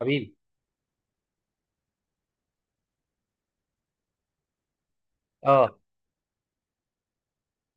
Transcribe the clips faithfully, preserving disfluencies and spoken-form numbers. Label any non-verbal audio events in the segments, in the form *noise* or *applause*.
حبيبي، اه،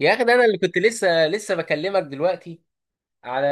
يا اخي، ده انا اللي كنت لسه لسه بكلمك دلوقتي على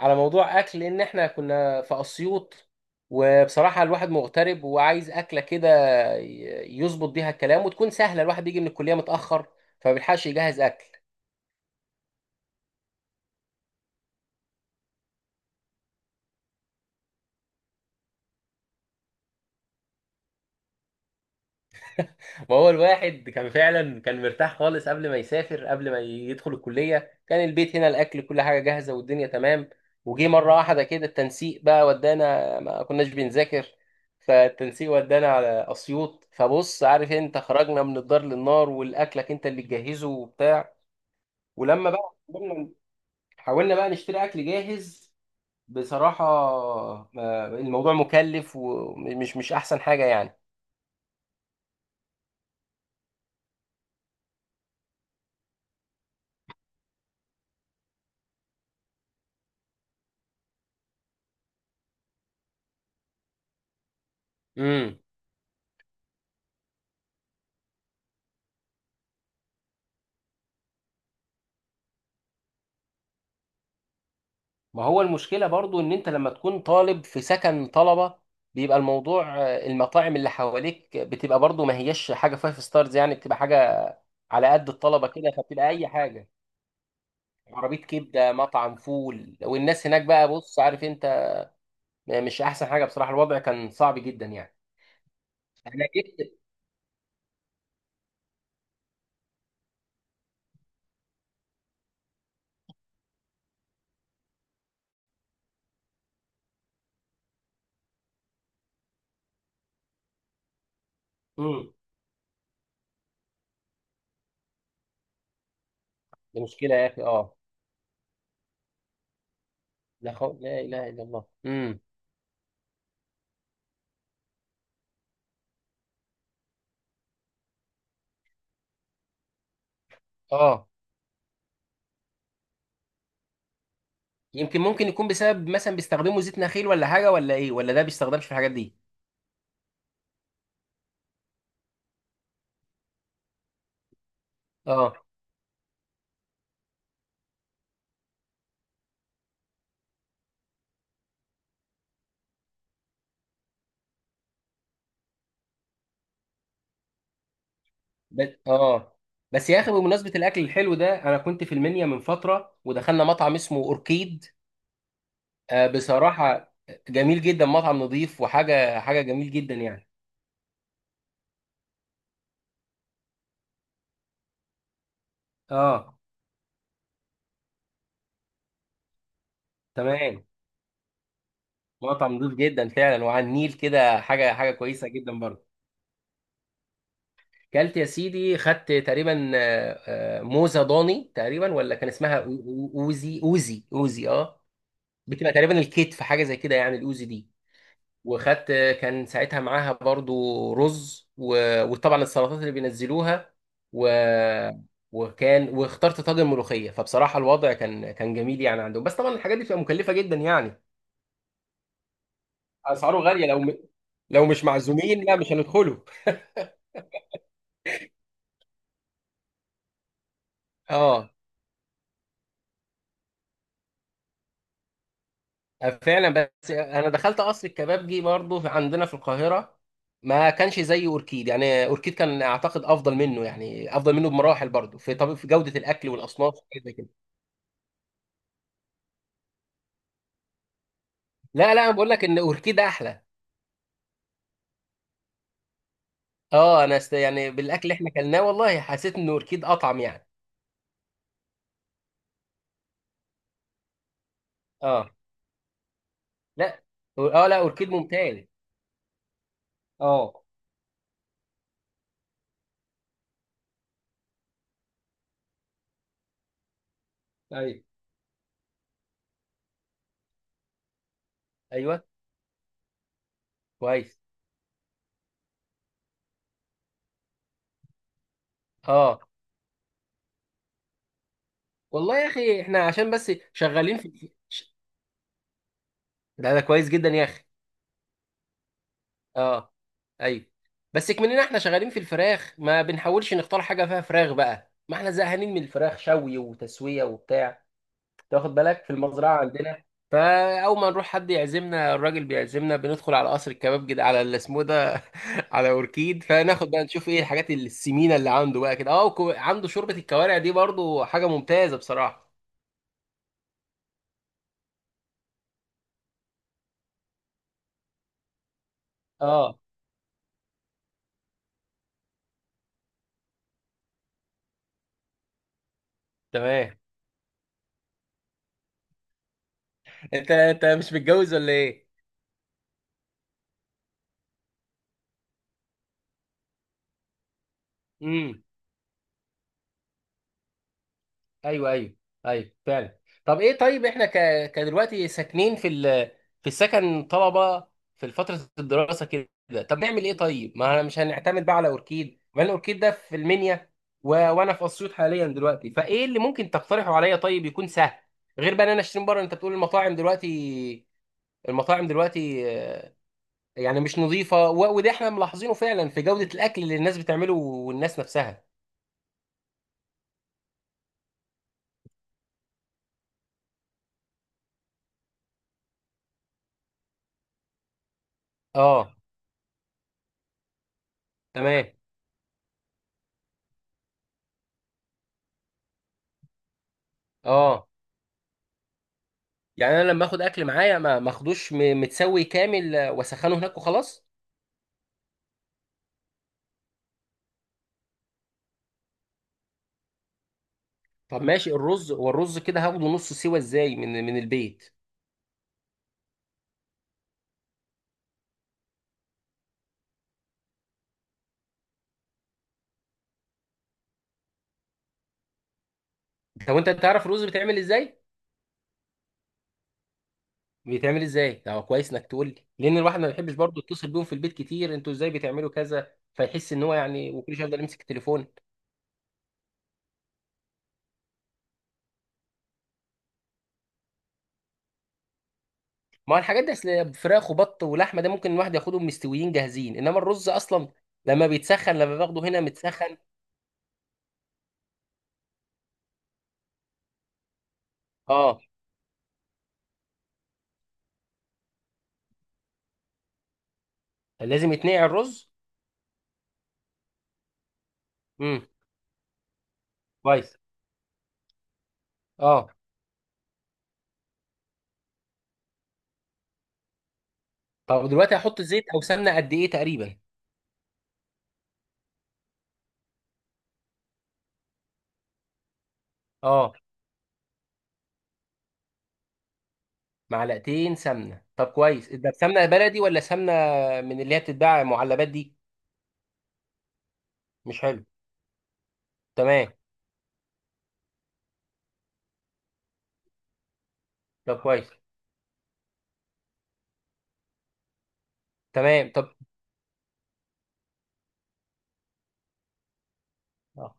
على موضوع اكل، لان احنا كنا في اسيوط. وبصراحه الواحد مغترب وعايز اكله كده ي- يظبط بيها الكلام وتكون سهله. الواحد بيجي من الكليه متاخر، فما بيلحقش يجهز اكل. ما هو الواحد كان فعلا كان مرتاح خالص قبل ما يسافر، قبل ما يدخل الكلية. كان البيت هنا الأكل كل حاجة جاهزة والدنيا تمام. وجي مرة واحدة كده التنسيق بقى ودانا، ما كناش بنذاكر فالتنسيق ودانا على أسيوط. فبص، عارف انت، خرجنا من الدار للنار، والأكلك انت اللي تجهزه وبتاع. ولما بقى حاولنا، حاولنا بقى نشتري أكل جاهز، بصراحة آه، الموضوع مكلف ومش مش أحسن حاجة يعني. امم، ما هو المشكلة برضو ان انت لما تكون طالب في سكن طلبة، بيبقى الموضوع، آه، المطاعم اللي حواليك بتبقى برضو ما هيش حاجة فايف ستارز يعني، بتبقى حاجة على قد الطلبة كده، فبتبقى اي حاجة. عربية كبدة، مطعم فول، والناس هناك بقى بص، عارف انت، م- مش احسن حاجة. بصراحة الوضع كان صعب جدا يعني. انا جبت امم دي مشكلة يا اخي. اه، لا خو... لا اله الا الله. امم اه، يمكن ممكن يكون بسبب مثلا بيستخدموا زيت نخيل ولا حاجة، ولا ايه، ولا ده بيستخدمش في الحاجات دي. اه. بس اه بس يا اخي، بمناسبه الاكل الحلو ده، انا كنت في المنيا من فتره ودخلنا مطعم اسمه اوركيد. آه، بصراحه جميل جدا، مطعم نظيف وحاجه حاجه جميل جدا يعني. اه تمام، مطعم نظيف جدا فعلا، وعلى النيل كده حاجه حاجه كويسه جدا برضه. كلت يا سيدي، خدت تقريبا آه، آه، موزه ضاني، تقريبا ولا كان اسمها أو- أو- اوزي اوزي اوزي. اه. بتبقى تقريبا الكتف حاجه زي كده يعني، الاوزي دي. وخدت، كان ساعتها معاها برضو رز، و... وطبعا السلطات اللي بينزلوها. و... وكان واخترت طاجن ملوخيه، فبصراحه الوضع كان كان جميل يعني عندهم. بس طبعا الحاجات دي بتبقى مكلفه جدا يعني. اسعاره غاليه، لو م... لو مش معزومين، لا مش هندخله. اه فعلا. بس انا دخلت قصر الكبابجي برضو في- عندنا في القاهره، ما كانش زي اوركيد يعني. اوركيد كان اعتقد افضل منه يعني، افضل منه بمراحل برضو في طب في جوده الاكل والاصناف وحاجات زي كده. لا لا، انا بقول لك ان اوركيد احلى. اه، انا است... يعني بالاكل اللي احنا اكلناه، والله حسيت ان اوركيد اطعم يعني. اه لا، اه لا، اوركيد ممتاز. اه. ايوه ايوه، كويس. اه، والله يا اخي احنا عشان بس شغالين في ش- ده ده كويس جدا يا اخي. اه ايوه. بس كمننا احنا شغالين في الفراخ، ما بنحاولش نختار حاجه فيها فراخ بقى، ما احنا زهقانين من الفراخ شوي وتسويه وبتاع. تاخد بالك، في المزرعه عندنا. فاول ما نروح حد يعزمنا، الراجل بيعزمنا بندخل على قصر الكباب كده، على اللي اسمه ده *laughs* على اوركيد. فناخد بقى نشوف ايه الحاجات السمينه اللي عنده بقى كده. اه، وكو- عنده شوربه الكوارع دي برضو حاجه ممتازه بصراحه. اه تمام. انت انت مش متجوز ولا ايه؟ امم، ايوه ايوه، ايوه فعلا. طب ايه؟ طيب احنا ك... كدلوقتي ساكنين في ال... في السكن طلبه، في فتره الدراسه كده. طب نعمل ايه طيب؟ ما انا مش هنعتمد بقى على اوركيد، ما الاوركيد ده في المنيا، و... وانا في اسيوط حاليا دلوقتي. فايه اللي ممكن تقترحه عليا طيب يكون سهل، غير بقى ان انا اشتري من بره؟ انت بتقول المطاعم دلوقتي، المطاعم دلوقتي آه، يعني مش نظيفه، و... وده احنا ملاحظينه فعلا في جوده الاكل اللي الناس بتعمله والناس نفسها. اه تمام. اه يعني انا لما اخد اكل معايا، ما ما اخدوش م- متسوي كامل، آه، واسخنه هناك وخلاص. طب ماشي، الرز، والرز كده هاخده نص سوا ازاي من من البيت؟ طب انت تعرف الرز بيتعمل ازاي؟ بيتعمل ازاي، ده هو كويس انك تقول لي، لان الواحد ما بيحبش برضه يتصل بيهم في البيت كتير. انتوا ازاي بتعملوا كذا، فيحس ان هو يعني، وكل شويه يفضل يمسك التليفون. ما هو الحاجات دي اصل فراخ وبط ولحمه، ده ممكن الواحد ياخدهم مستويين جاهزين. انما الرز اصلا لما بيتسخن، لما باخده هنا متسخن. اه، لازم يتنقع الرز؟ امم، كويس. اه، طب دلوقتي هحط زيت او سمنه قد ايه تقريبا؟ اه، معلقتين سمنه. طب كويس، ده سمنه بلدي ولا سمنه من اللي هي بتتباع معلبات دي؟ مش حلو. تمام. طب كويس. تمام. طب آه.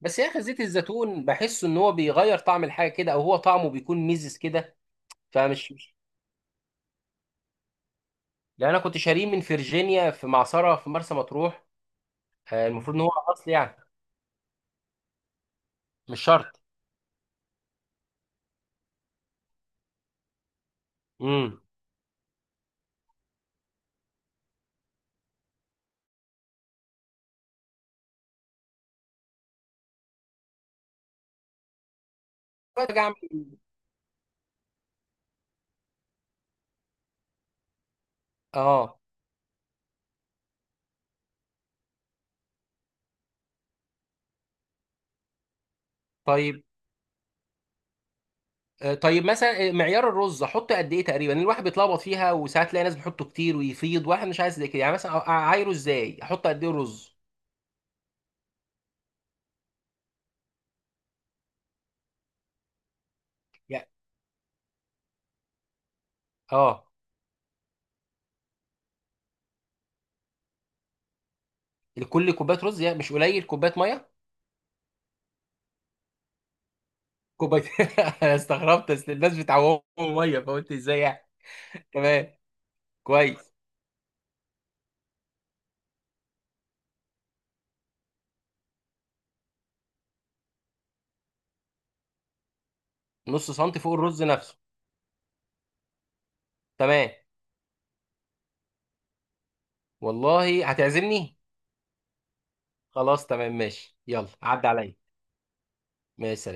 بس يا اخي، زيت الزيتون بحس ان هو بيغير طعم الحاجه كده، او هو طعمه بيكون ميزز كده. فمش مش، لان انا كنت شاريه من فيرجينيا في معصره في مرسى مطروح. آه، المفروض ان هو اصل يعني. مش شرط. امم. ارجع اعمل. اه طيب. آه، طيب مثلا، آه، معيار الرز احطه قد ايه تقريبا؟ الواحد بيتلخبط فيها، وساعات تلاقي ناس بتحطه كتير ويفيض، واحد مش عايز زي كده يعني. مثلا أ- اعايره ازاي، احط قد ايه رز؟ يعني اه، لكل كوبايه رز يعني، مش قليل كوبايه ميه؟ كوبايه. *laughs* انا استغربت اصل الناس بتعوم ميه، فقلت ازاي يعني. تمام، كويس. نص سنتي فوق الرز نفسه. تمام. والله هتعزمني؟ خلاص تمام، ماشي، يلا عدى عليا. ماشي سلام.